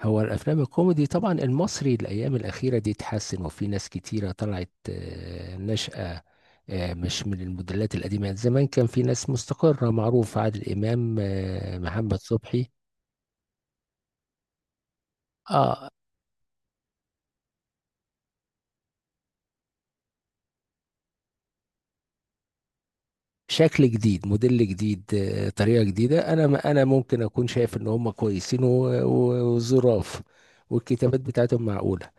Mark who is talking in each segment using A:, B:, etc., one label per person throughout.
A: هو الافلام الكوميدي طبعا المصري الايام الاخيره دي اتحسن، وفي ناس كتيره طلعت ناشئه. مش من الموديلات القديمه، زمان كان في ناس مستقره معروف، عادل امام، محمد صبحي. اه، شكل جديد، موديل جديد، طريقه جديده. انا ما انا ممكن اكون شايف ان هم كويسين و- و- وظراف، والكتابات بتاعتهم معقوله.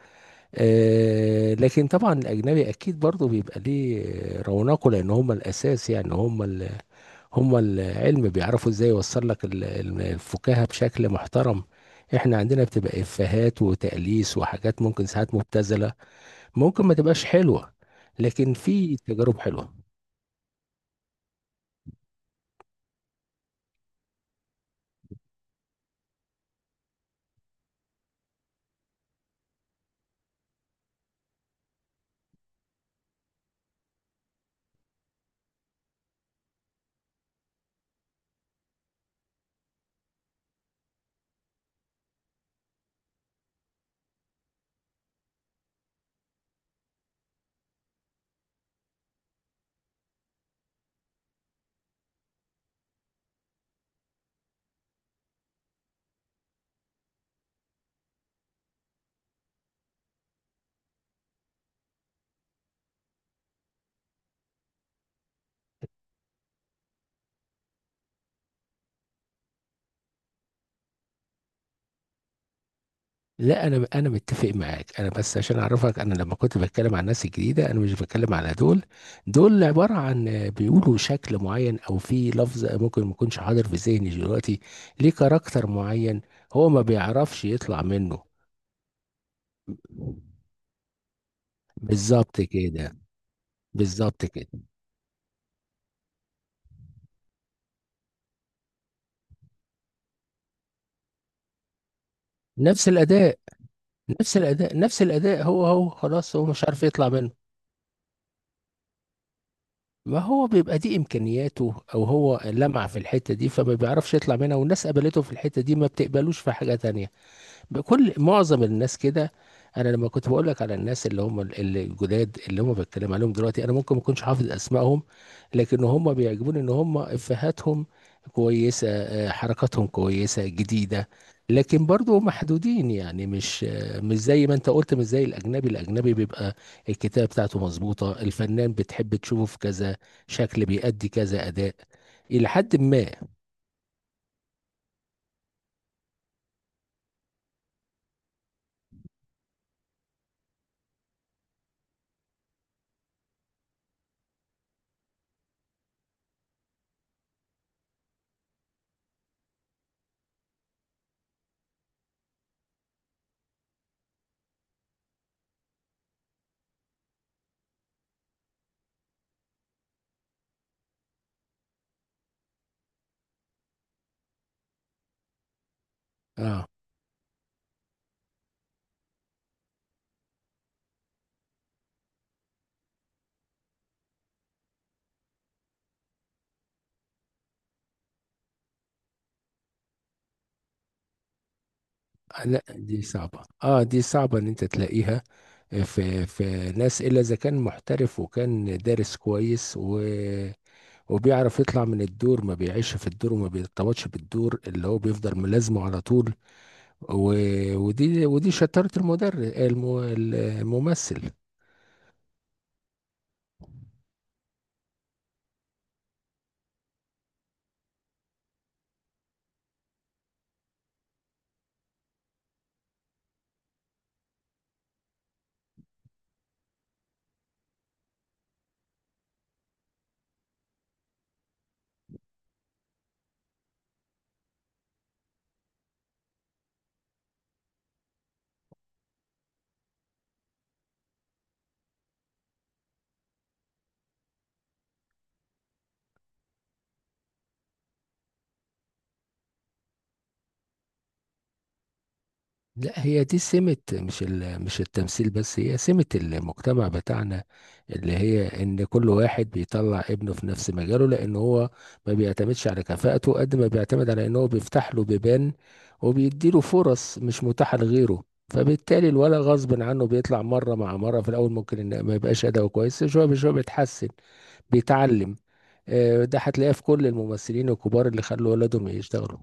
A: لكن طبعا الاجنبي اكيد برضه بيبقى ليه رونقه، لان هم الاساس. يعني هما العلم، بيعرفوا ازاي يوصل لك الفكاهة بشكل محترم. احنا عندنا بتبقى افيهات وتأليس وحاجات ممكن ساعات مبتذلة، ممكن ما تبقاش حلوة، لكن في تجارب حلوة. لا انا متفق معاك، انا بس عشان اعرفك، انا لما كنت بتكلم عن الناس الجديده انا مش بتكلم على دول. دول عباره عن بيقولوا شكل معين، او في لفظ ممكن ما يكونش حاضر في ذهني دلوقتي، ليه كاركتر معين هو ما بيعرفش يطلع منه. بالظبط كده. بالظبط كده. نفس الاداء نفس الاداء نفس الاداء، هو هو خلاص هو مش عارف يطلع منه. ما هو بيبقى دي امكانياته، او هو لمع في الحته دي فما بيعرفش يطلع منها، والناس قبلته في الحته دي ما بتقبلوش في حاجه تانية. بكل معظم الناس كده. انا لما كنت بقول لك على الناس اللي هم اللي الجداد اللي هم بتكلم عليهم دلوقتي، انا ممكن ما اكونش حافظ اسمائهم، لكن هم بيعجبوني ان هم افهاتهم كويسه، حركاتهم كويسه جديده. لكن برضو محدودين، يعني مش زي ما انت قلت، مش زي الاجنبي. الاجنبي بيبقى الكتابه بتاعته مظبوطه، الفنان بتحب تشوفه في كذا شكل، بيأدي كذا اداء، الى حد ما. اه لا، دي صعبة. اه دي صعبة ان انت تلاقيها في في ناس، الا اذا كان محترف وكان دارس كويس و وبيعرف يطلع من الدور، ما بيعيش في الدور وما بيرتبطش بالدور اللي هو بيفضل ملازمه على طول. و... ودي شطارة الممثل. لا، هي دي سمة مش مش التمثيل بس، هي سمة المجتمع بتاعنا، اللي هي ان كل واحد بيطلع ابنه في نفس مجاله، لان هو ما بيعتمدش على كفاءته قد ما بيعتمد على ان هو بيفتح له بيبان وبيديله فرص مش متاحة لغيره. فبالتالي الولد غصب عنه بيطلع مرة مع مرة، في الاول ممكن ان ما يبقاش اداؤه كويس، شوية بشوية بيتحسن، بيتعلم. ده هتلاقيه في كل الممثلين الكبار اللي خلوا ولادهم يشتغلوا.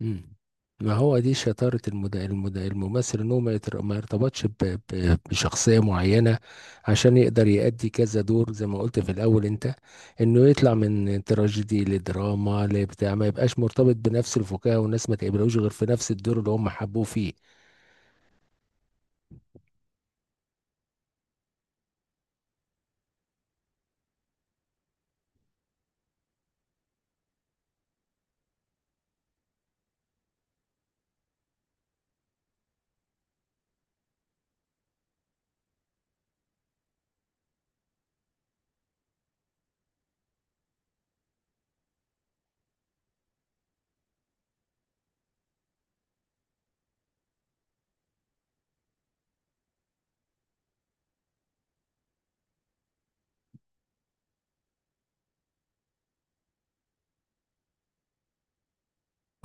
A: مم. ما هو دي شطارة الممثل، ان هو ما يرتبطش بشخصية معينة، عشان يقدر يأدي كذا دور زي ما قلت في الأول انت، انه يطلع من تراجيدي لدراما لبتاع، ما يبقاش مرتبط بنفس الفكاهة والناس ما تقبلوش غير في نفس الدور اللي هم حبوه فيه.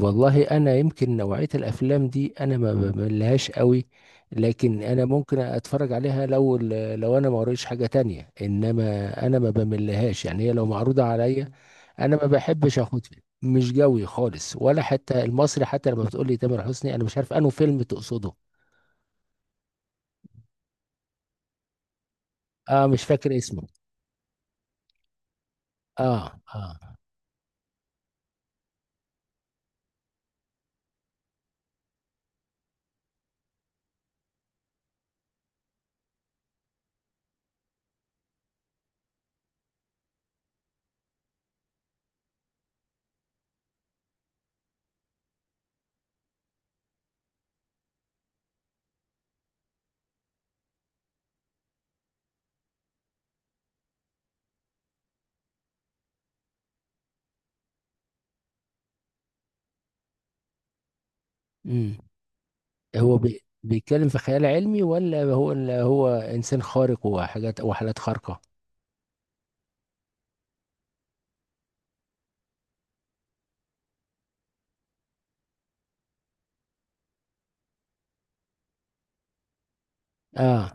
A: والله انا يمكن نوعية الافلام دي انا ما بملهاش قوي، لكن انا ممكن اتفرج عليها لو انا ما قريتش حاجة تانية، انما انا ما بملهاش يعني، هي لو معروضة عليا. انا ما بحبش اخد فيلم مش جوي خالص، ولا حتى المصري، حتى لما بتقول لي تامر حسني انا مش عارف انه فيلم تقصده. اه مش فاكر اسمه. اه. اه. امم هو بيتكلم في خيال علمي، ولا هو انسان خارق وحاجات وحالات خارقة؟ اه،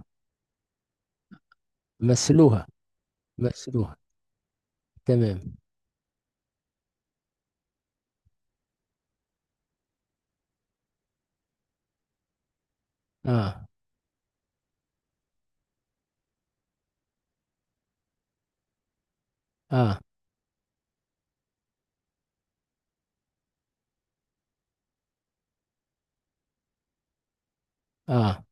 A: مثلوها. مثلوها. تمام. اه. اه. اه.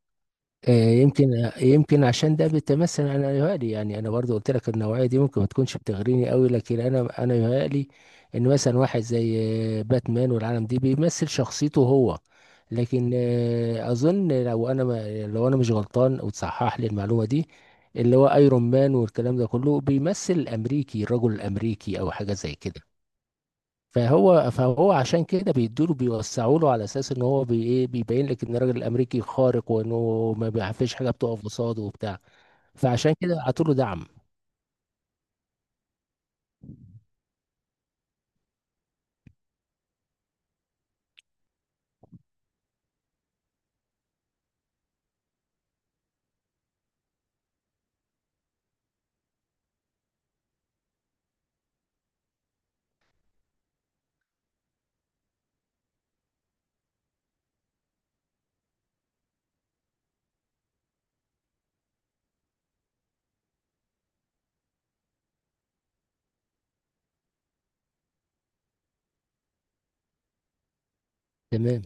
A: يمكن يمكن عشان ده بيتمثل، انا يهيألي يعني، انا برضو قلت لك النوعيه دي ممكن ما تكونش بتغريني قوي، لكن انا يهيألي ان مثلا واحد زي باتمان والعالم دي بيمثل شخصيته هو. لكن اظن، لو انا مش غلطان وتصحح لي المعلومه دي، اللي هو ايرون مان والكلام ده كله بيمثل الامريكي، الرجل الامريكي او حاجه زي كده. فهو عشان كده بيدوله، بيوسعوا له على اساس ان هو بي ايه بيبين لك ان الراجل الامريكي خارق، وانه ما بي- فيش حاجه بتقف قصاده وبتاع، فعشان كده عطوا له دعم. تمام.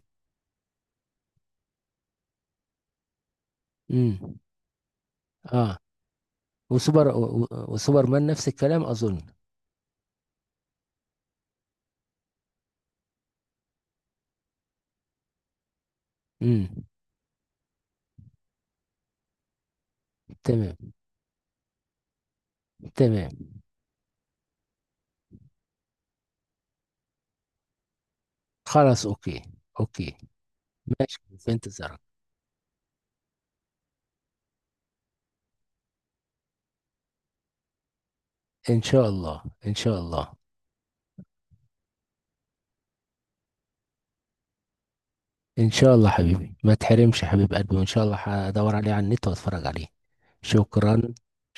A: امم اه. وسوبر و- و- وسوبرمان نفس الكلام اظن. امم. تمام. تمام. خلاص. اوكي. اوكي. ماشي، في انتظارك. ان شاء الله، ان شاء الله. ان شاء الله حبيبي، ما تحرمش يا حبيب قلبي، وان شاء الله هدور عليه على النت واتفرج عليه. شكرا.